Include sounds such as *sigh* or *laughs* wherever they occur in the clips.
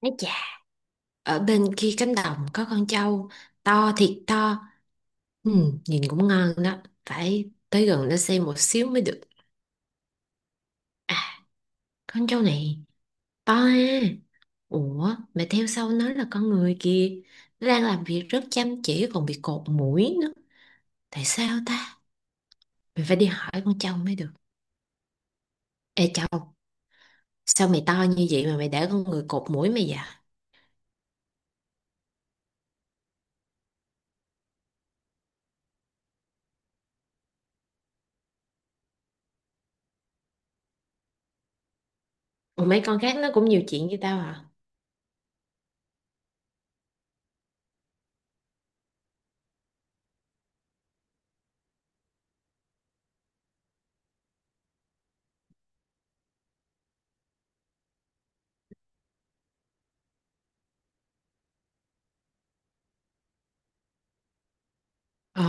Nói chà, ở bên kia cánh đồng có con trâu to thiệt to. Ừ, nhìn cũng ngon đó. Phải tới gần nó xem một xíu mới được. À, con trâu này to ha. Ủa, mà theo sau nó là con người kìa. Nó đang làm việc rất chăm chỉ còn bị cột mũi nữa. Tại sao ta? Mình phải đi hỏi con trâu mới được. Ê trâu, sao mày to như vậy mà mày để con người cột mũi mày vậy? Ủa mấy con khác nó cũng nhiều chuyện như tao hả? Ờ,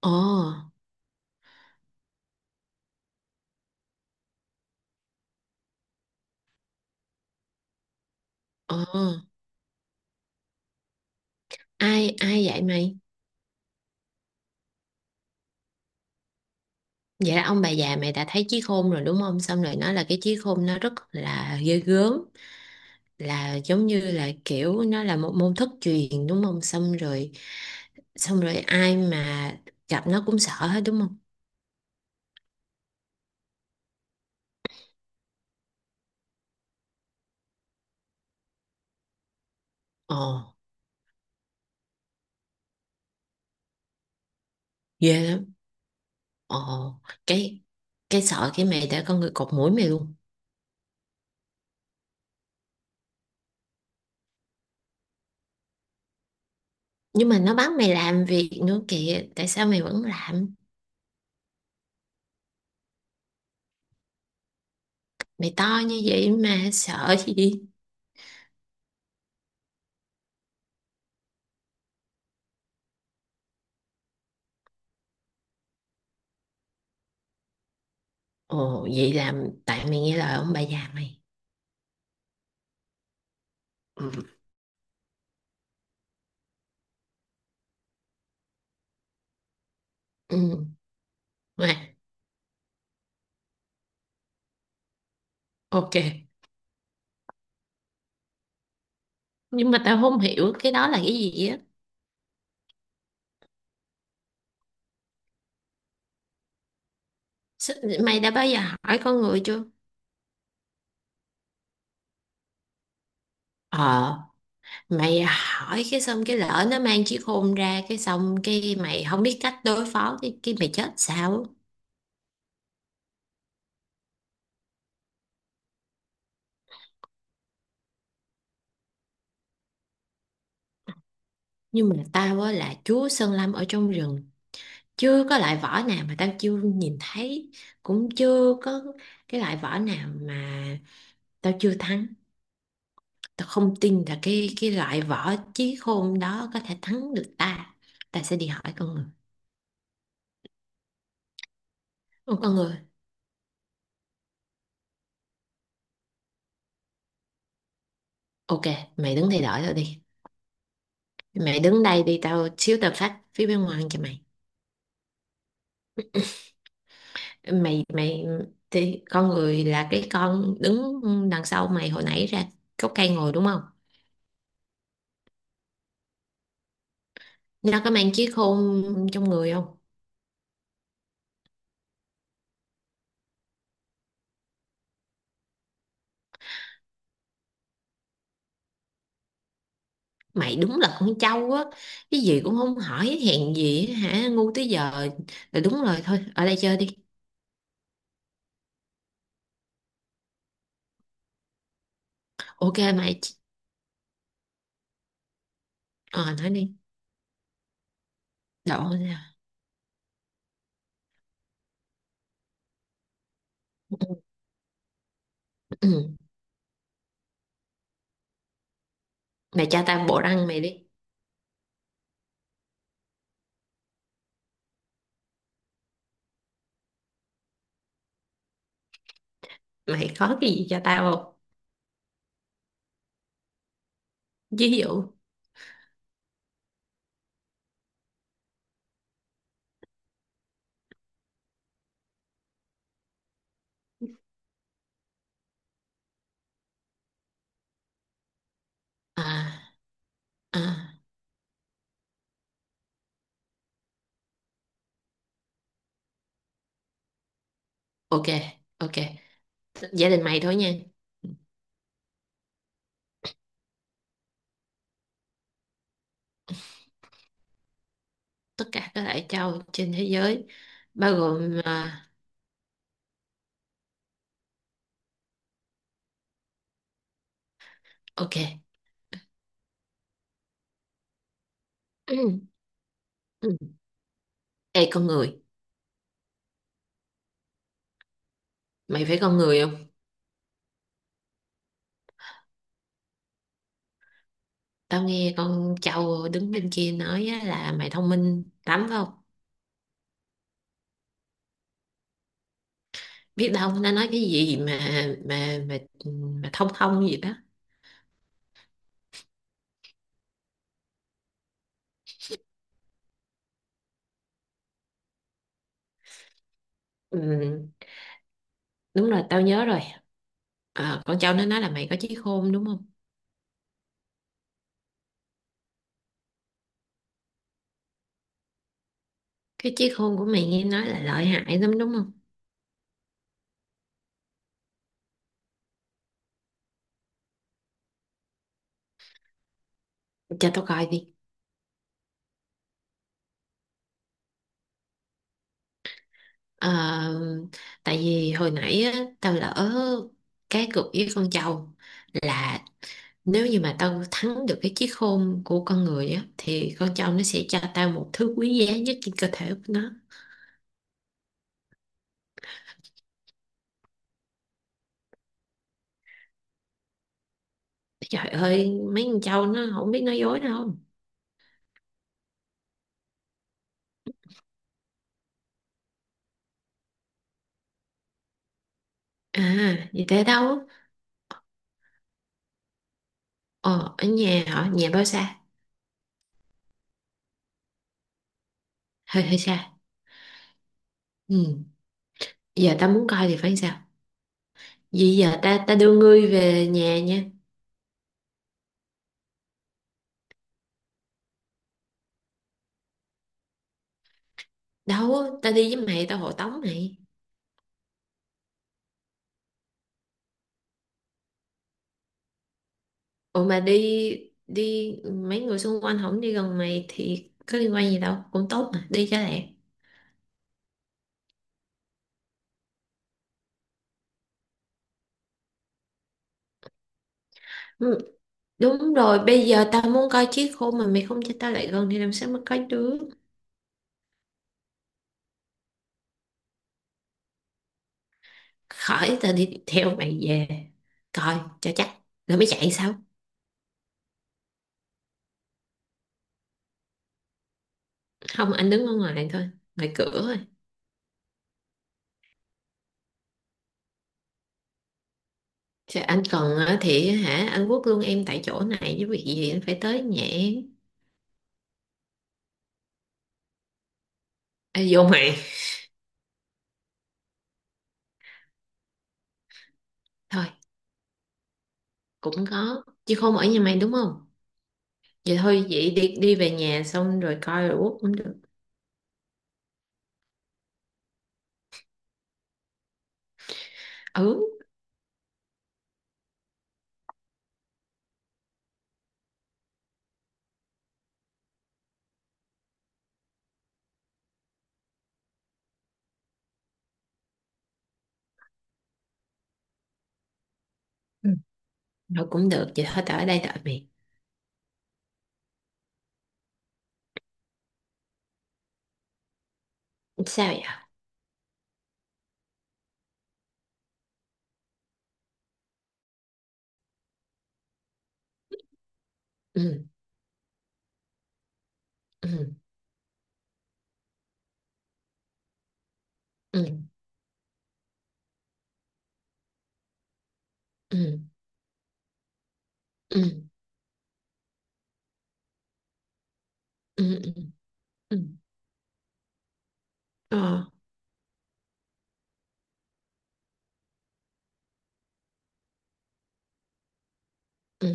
ờ, ờ. Ai vậy mày? Vậy là ông bà già mày đã thấy chí khôn rồi đúng không? Xong rồi nói là cái chí khôn nó rất là ghê gớm, là giống như là kiểu nó là một môn thất truyền đúng không? Xong rồi ai mà gặp nó cũng sợ hết đúng không? Ồ, ghê lắm. Ồ, cái cái sợ cái mày đã con người cột mũi mày luôn. Nhưng mà nó bắt mày làm việc nữa kìa, tại sao mày vẫn làm? Mày to như vậy mà sợ gì? Ồ, vậy là tại mày nghe lời ông bà già mày. Ừ. Ừ. Ok. Nhưng mà tao không hiểu cái đó là cái gì á. Mày đã bao giờ hỏi con người chưa? Ờ, mày hỏi cái xong cái lỡ nó mang chiếc khôn ra cái xong cái mày không biết cách đối phó cái mày chết sao? Á. Nhưng mà tao á là chúa Sơn Lâm ở trong rừng. Chưa có loại vỏ nào mà tao chưa nhìn thấy. Cũng chưa có cái loại vỏ nào mà tao chưa thắng. Tao không tin là cái loại vỏ chiếc khôn đó có thể thắng được ta. Ta sẽ đi hỏi con người. Con người. Ok, mày đứng thay đổi tao đi. Mày đứng đây đi, tao xíu tao phát phía bên ngoài cho mày. Mày thì con người là cái con đứng đằng sau mày hồi nãy ra gốc cây ngồi đúng không? Nó có mang chiếc khôn trong người không? Mày đúng là con trâu á, cái gì cũng không hỏi hèn gì á hả, ngu tới giờ. Rồi đúng rồi thôi, ở đây chơi đi. Ok mày, ờ nói đi. Đổ ra. Ừ. *clears throat* Mày cho tao bộ răng mày đi. Mày có cái gì cho tao không? Ví dụ. À, à. Ok, ok. Giả định mày thôi nha. Tất cả các loại châu trên thế giới bao gồm à, ok. *clears throat* Ừ. Ừ. Ê con người, mày phải con người không? Tao nghe con châu đứng bên kia nói á, là mày thông minh lắm phải không? Biết đâu nó nói cái gì mà mà thông thông gì đó. Ừ, đúng rồi, tao nhớ rồi. Ờ, con châu nó nói là mày có trí khôn đúng không? Cái trí khôn của mày nghe nói là lợi hại lắm đúng không? Cho tao coi đi. Ờ, tại vì hồi nãy á, tao lỡ cái cược với con trâu là nếu như mà tao thắng được cái chiếc khôn của con người á thì con trâu nó sẽ cho tao một thứ quý giá nhất trên cơ thể của nó. Trời ơi, mấy con trâu nó không biết nói dối đâu. À, vậy thế đâu? Ờ, ở nhà hả? Nhà bao xa? Hơi hơi xa. Ừ, giờ tao muốn coi thì phải sao? Vậy giờ ta ta đưa ngươi về nhà nha. Đâu, ta đi với mày, tao hộ tống mày. Ủa mà đi đi mấy người xung quanh không đi gần mày thì có liên quan gì đâu cũng tốt mà đi cho lẹ. Ừ, đúng rồi, bây giờ tao muốn coi chiếc khôn mà mày không cho tao lại gần thì làm sao mà coi được. Khỏi, tao đi theo mày về coi cho chắc rồi mới chạy sao. Không, anh đứng ở ngoài thôi, ngoài cửa thôi. Chứ anh cần á thì hả anh quất luôn em tại chỗ này với việc gì anh phải tới nhà em. Ê, vô mày. Thôi, cũng có chiếc khôn ở nhà mày đúng không, vậy thôi vậy đi đi về nhà xong rồi coi rồi quốc cũng được. Ừ. Ừ. Rồi cũng được vậy thôi tao ở đây đợi mày. Sao vậy? Ừ ừ ừ ừ ừ ừ ừ ừ ờ ừ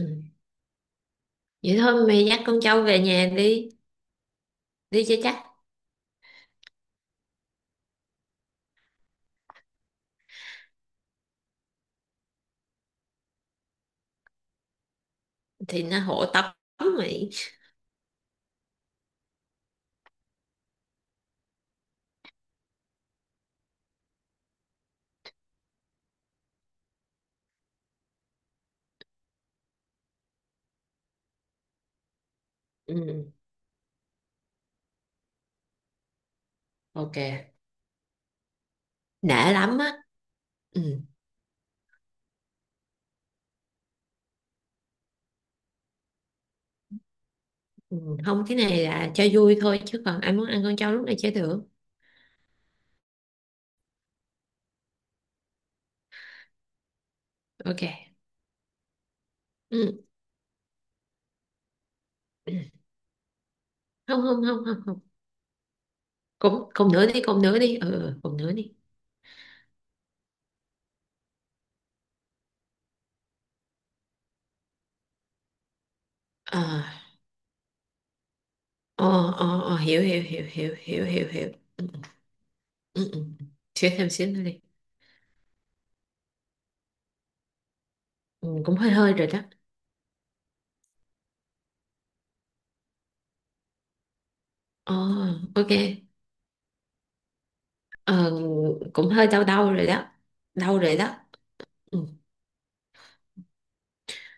vậy thôi mày dắt con trâu về nhà đi đi cho chắc thì nó hộ tống mày. Ừ, ok, đã lắm á. Ừ. Ừ, không cái này là cho vui thôi chứ còn ai muốn ăn con trâu lúc này chơi được. Ok. Ừ. Ừ. Không không không không không. Cũng cùng nữa đi, cùng nữa đi, ừ ừ, cùng nữa đi. Ờ ờ ờ ờ, hiểu hiểu hiểu hiểu hiểu hiểu hiểu. Ừ, ừ, ừ. Xíu thêm xíu nữa đi. Ừ, cũng hơi hơi rồi đó. Ờ, ok. Ờ, cũng hơi đau đau rồi đó, đau rồi đó. Ừ,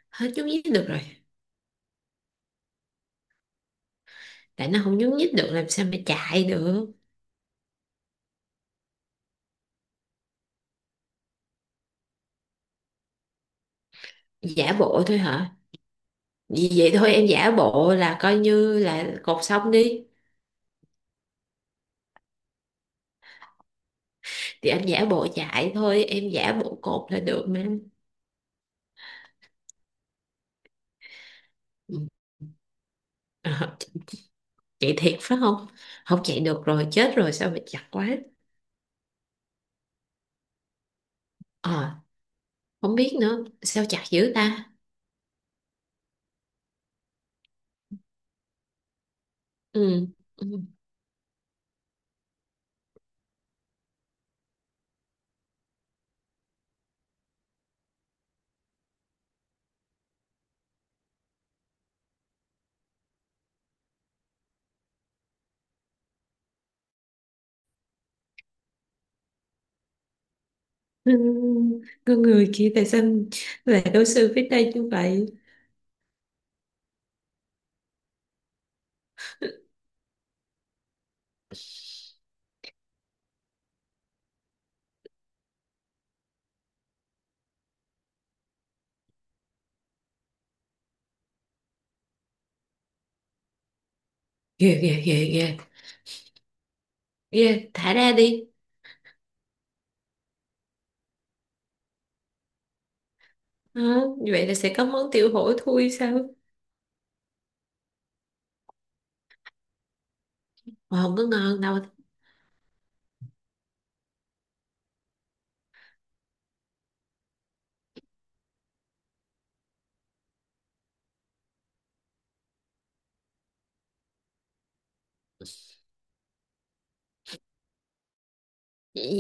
hết nhúc nhích được rồi. Tại nó không nhúc nhích được làm sao mà chạy được. Giả bộ thôi hả? Vì vậy thôi em giả bộ là coi như là cột xong đi. Thì anh giả bộ chạy thôi em giả bộ cột là được mà. Ừ. *laughs* Ờ, chạy thiệt phải không? Không chạy được rồi chết rồi sao mà chặt quá. Ờ, không biết nữa, sao chặt dữ ta? Ừ. Ừ. Ừ, con người kia tại sao lại đối xử với ta như vậy? Ghê, ghê, ghê, ghê, ghê, thả ra đi. Hả? Như vậy là sẽ có món tiểu hổ thui sao? Mà không có ngon đâu.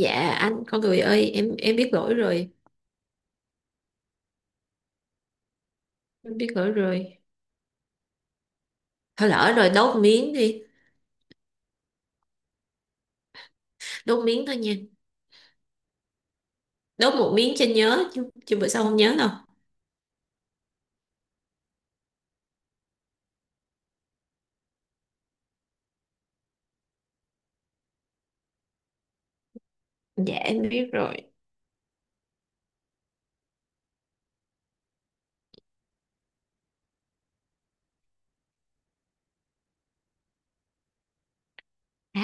Dạ anh, con người ơi, em biết lỗi rồi, em biết lỗi rồi. Thôi lỡ rồi, đốt miếng đi, đốt miếng thôi nha. Đốt một miếng cho nhớ, chứ bữa sau không nhớ đâu. Dạ em biết rồi.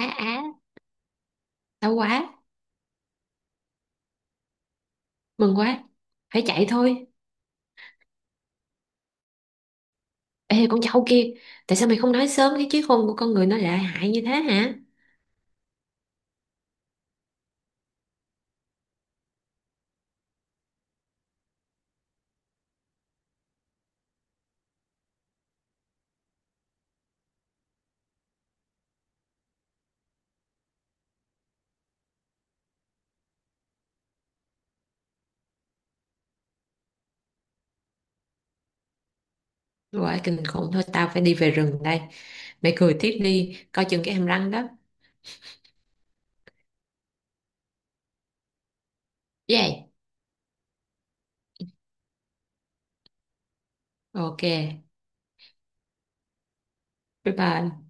Á á, đau quá, mừng quá, phải chạy thôi. Ê con cháu kia, tại sao mày không nói sớm cái chiếc khôn của con người nó lại hại như thế hả? Rồi kinh khủng thôi tao phải đi về rừng đây. Mày cười tiếp đi, coi chừng cái hàm răng đó. Yeah. Ok. Bye bye.